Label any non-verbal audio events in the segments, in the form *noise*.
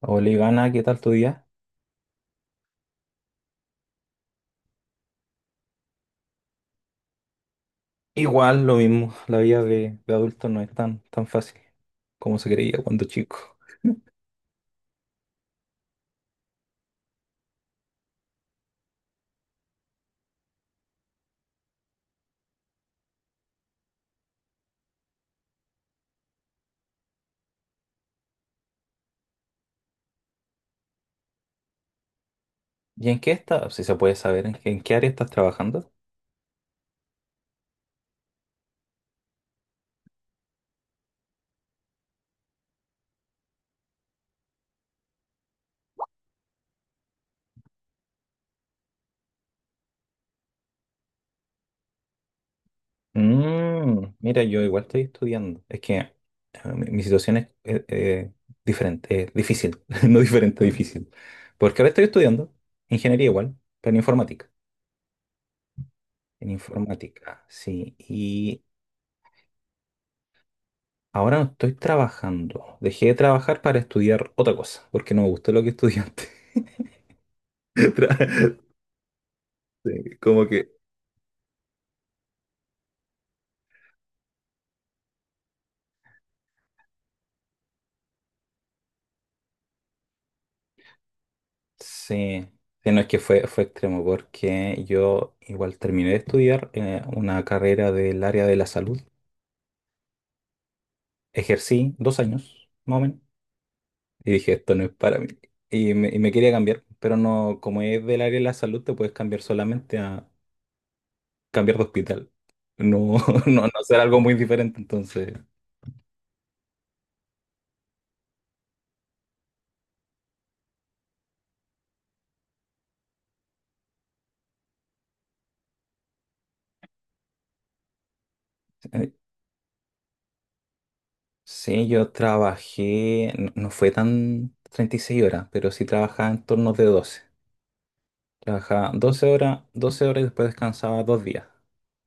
Hola Ivana, ¿qué tal tu día? Igual, lo mismo, la vida de adulto no es tan, tan fácil como se creía cuando chico. ¿Y en qué estás? Si se puede saber, ¿en qué área estás trabajando? Mira, yo igual estoy estudiando. Es que mi situación es diferente, difícil, *laughs* no diferente, difícil. Porque ahora estoy estudiando ingeniería igual, pero en informática. En informática, sí. Y ahora no estoy trabajando. Dejé de trabajar para estudiar otra cosa, porque no me gustó lo que estudié antes. *laughs* Tra- sí, como que. Sí, sí, no es que fue extremo, porque yo igual terminé de estudiar una carrera del área de la salud. Ejercí 2 años, más o menos, y dije, esto no es para mí. Y me quería cambiar, pero no, como es del área de la salud, te puedes cambiar solamente a cambiar de hospital. No, *laughs* no, no hacer algo muy diferente, entonces. eh, Sí, yo trabajé, no no fue tan 36 horas, pero sí trabajaba en turnos de 12. Trabajaba 12 horas, 12 horas y después descansaba 2 días.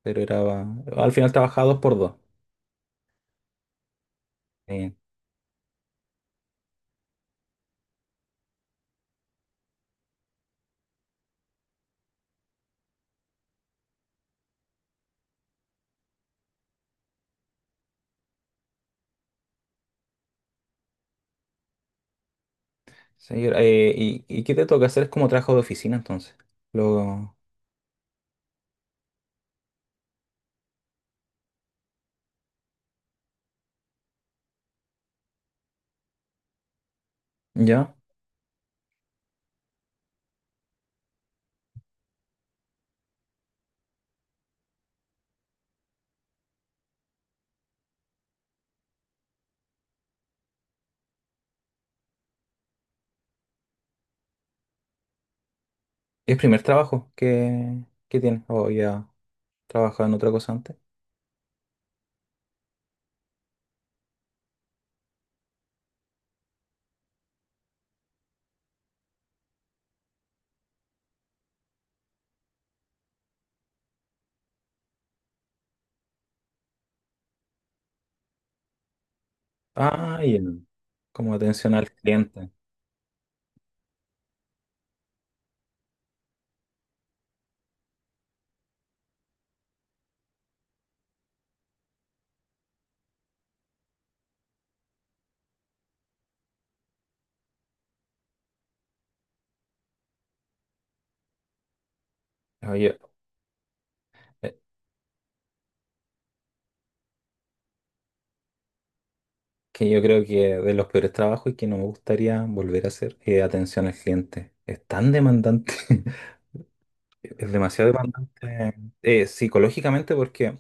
Pero era, al final trabajaba dos por dos. Eh, señor, ¿y qué te toca hacer? Es como trabajo de oficina entonces. Lo, ¿ya? ¿Es el primer trabajo que tienes? ¿O ya trabajaba en otra cosa antes? Ah, ya. Como atención al cliente. Oye, eh, que yo creo que de los peores trabajos y que no me gustaría volver a hacer, atención al cliente. Es tan demandante, *laughs* es demasiado demandante psicológicamente porque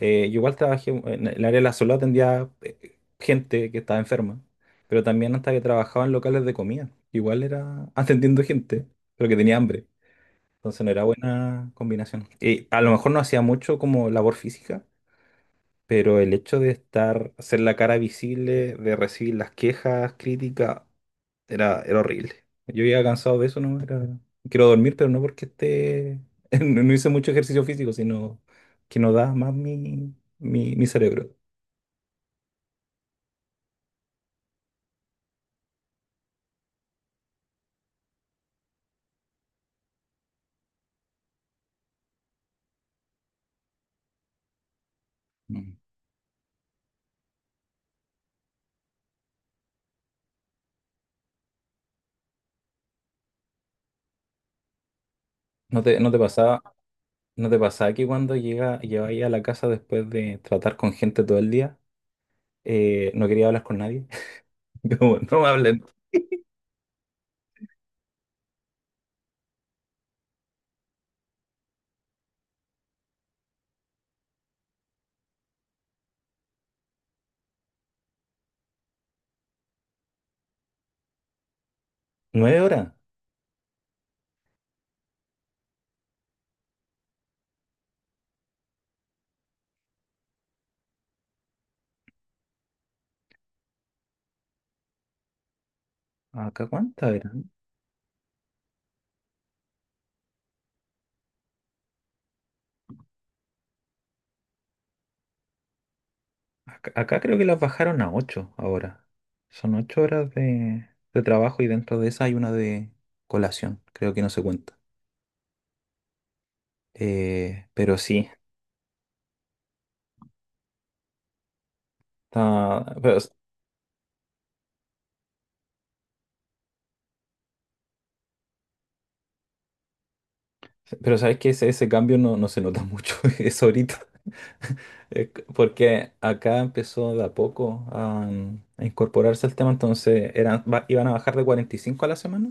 yo igual trabajé en el área de la salud, atendía gente que estaba enferma, pero también hasta que trabajaba en locales de comida. Igual era *laughs* atendiendo gente, pero que tenía hambre. Entonces no era buena combinación. Y a lo mejor no hacía mucho como labor física, pero el hecho de estar, ser la cara visible, de recibir las quejas, críticas, era horrible. Yo ya cansado de eso, ¿no? Era, quiero dormir, pero no porque esté, *laughs* no no hice mucho ejercicio físico, sino que no da más mi, mi, mi cerebro. Mm. ¿No te, no te pasaba, no te pasaba que cuando llegáis a la casa después de tratar con gente todo el día, no quería hablar con nadie? *laughs* Como, no me hablen. ¿Nueve horas? ¿Acá cuántas eran? Acá creo que las bajaron a 8 ahora. Son 8 horas de trabajo y dentro de esa hay una de colación. Creo que no se cuenta. Pero sí, está- pero, pero sabes que ese cambio no, no se nota mucho, *laughs* es ahorita. *laughs* Porque acá empezó de a poco a incorporarse el tema, entonces eran, iban a bajar de 45 a la semana.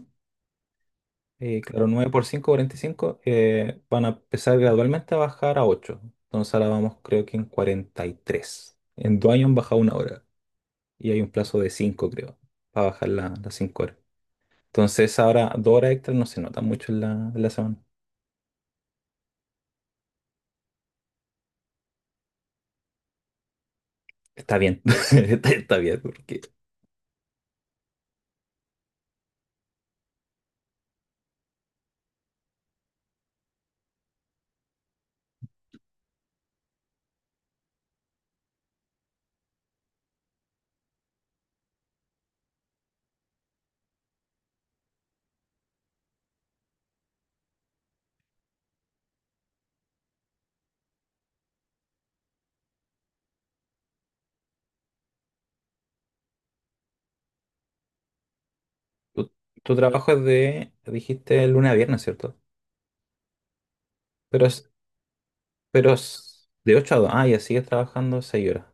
Claro, 9 por 5, 45, van a empezar gradualmente a bajar a 8. Entonces ahora vamos creo que en 43. En 2 años han bajado 1 hora y hay un plazo de 5, creo, para bajar las 5 horas. Entonces ahora 2 horas extras no se nota mucho en la semana. Está bien, *laughs* está bien porque tu, tu trabajo es de, dijiste, lunes a viernes, ¿cierto? Pero, es- pero es de 8 a 2. Ah, ya sigues trabajando 6 horas.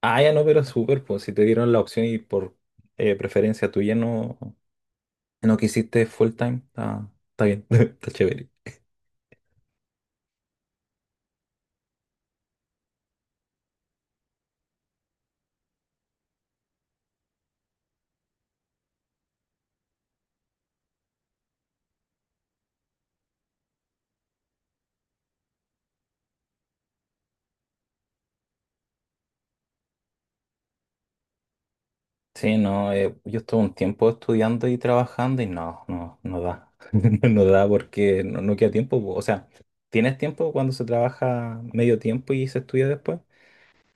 Ah, ya no, pero súper, pues si te dieron la opción y por preferencia tuya no, no quisiste full time, está bien, *laughs* está chévere. Sí, no, yo estuve un tiempo estudiando y trabajando y no, no, no da. *laughs* No da porque no, no queda tiempo, po. O sea, tienes tiempo cuando se trabaja medio tiempo y se estudia después,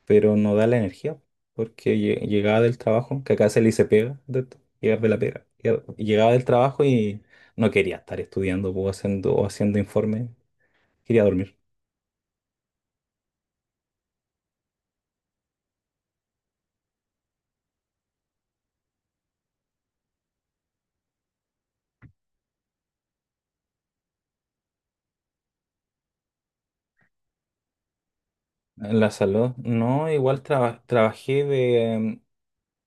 pero no da la energía porque llegaba del trabajo, que acá se le dice pega, de esto, llegar de la pega. Llegaba del trabajo y no quería estar estudiando po, haciendo, o haciendo informes. Quería dormir. La salud, no, igual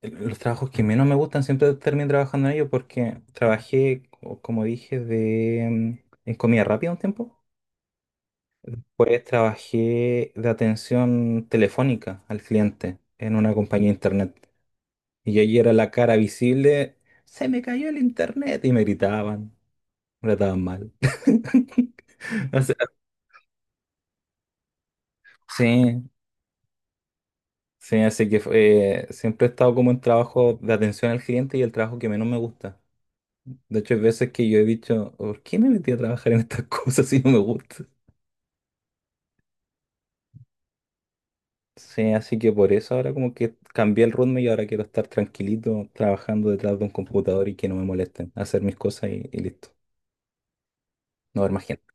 los trabajos que menos me gustan siempre termino trabajando en ellos porque trabajé, como dije, en comida rápida un tiempo. Pues trabajé de atención telefónica al cliente en una compañía de internet. Y yo allí era la cara visible, se me cayó el internet. Y me gritaban, me trataban mal. *laughs* O sea, sí. Sí, así que siempre he estado como en trabajo de atención al cliente y el trabajo que menos me gusta. De hecho, hay veces que yo he dicho, ¿por qué me metí a trabajar en estas *laughs* cosas si no me gusta? Sí, así que por eso ahora como que cambié el ritmo y ahora quiero estar tranquilito trabajando detrás de un computador y que no me molesten, hacer mis cosas y listo, no ver más gente.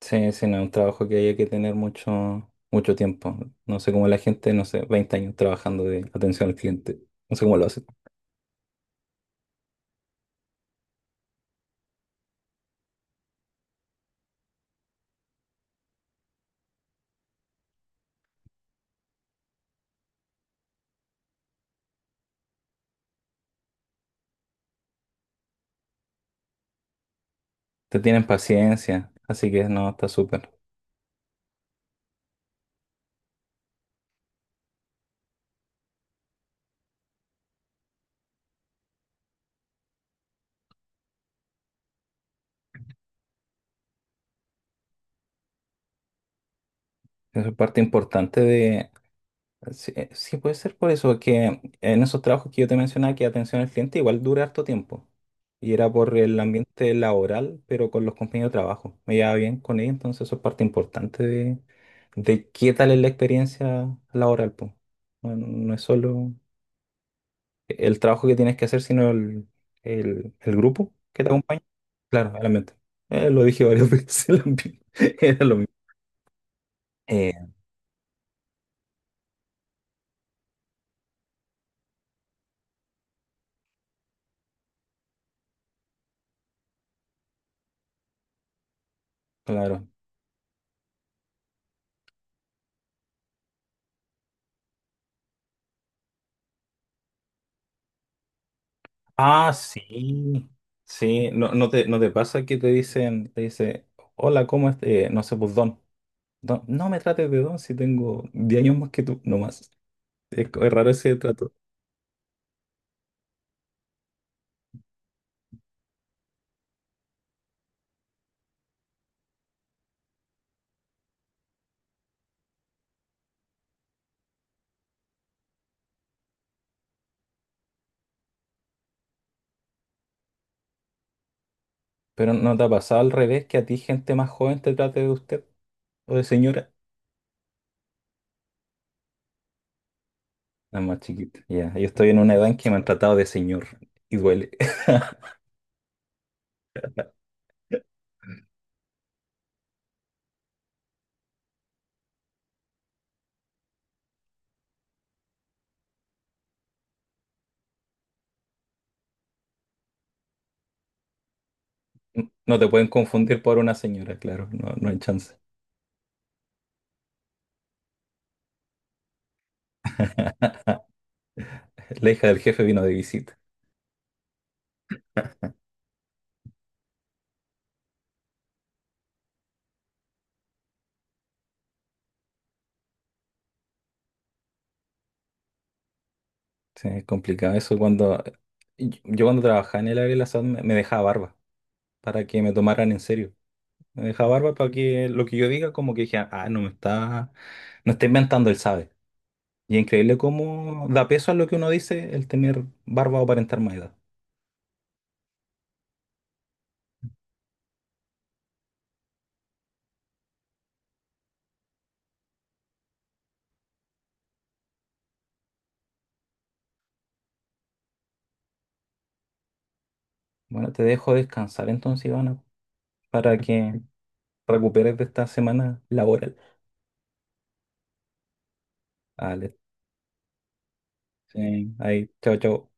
Sí, sí, no, es un trabajo que hay que tener mucho, mucho tiempo. No sé cómo la gente, no sé, 20 años trabajando de atención al cliente. No sé cómo lo hacen. Te tienen paciencia, así que no, está súper. Eso es parte importante de... Sí, sí, puede ser por eso, que en esos trabajos que yo te mencionaba, que atención al cliente igual dura harto tiempo. Y era por el ambiente laboral, pero con los compañeros de trabajo. Me llevaba bien con ellos, entonces eso es parte importante de qué tal es la experiencia laboral, po. No, no no es solo el trabajo que tienes que hacer, sino el grupo que te acompaña. Claro, el ambiente. Lo dije varias *laughs* veces, el ambiente. Era lo mismo. Eh, claro. Ah, sí, sí, no, no te pasa que te dice, hola, ¿cómo estás? No sé, pues don. Don, no me trates de don si tengo 10 años más que tú, nomás. Es raro ese trato. Pero ¿no te ha pasado al revés que a ti gente más joven te trate de usted o de señora? La más chiquita. Ya, yo estoy en una edad en que me han tratado de señor y duele. *laughs* No te pueden confundir por una señora, claro, no, no hay chance. *laughs* La hija del jefe vino de visita. Sí, es complicado eso cuando Y Yo cuando trabajaba en el área de la salud me dejaba barba para que me tomaran en serio. Me dejaba barba para que lo que yo diga como que dijeran, ah, no está inventando, él sabe. Y es increíble cómo da peso a lo que uno dice el tener barba o aparentar más edad. Bueno, te dejo descansar entonces, Ivana, para que recuperes de esta semana laboral. Vale, sí, ahí, chao, chao.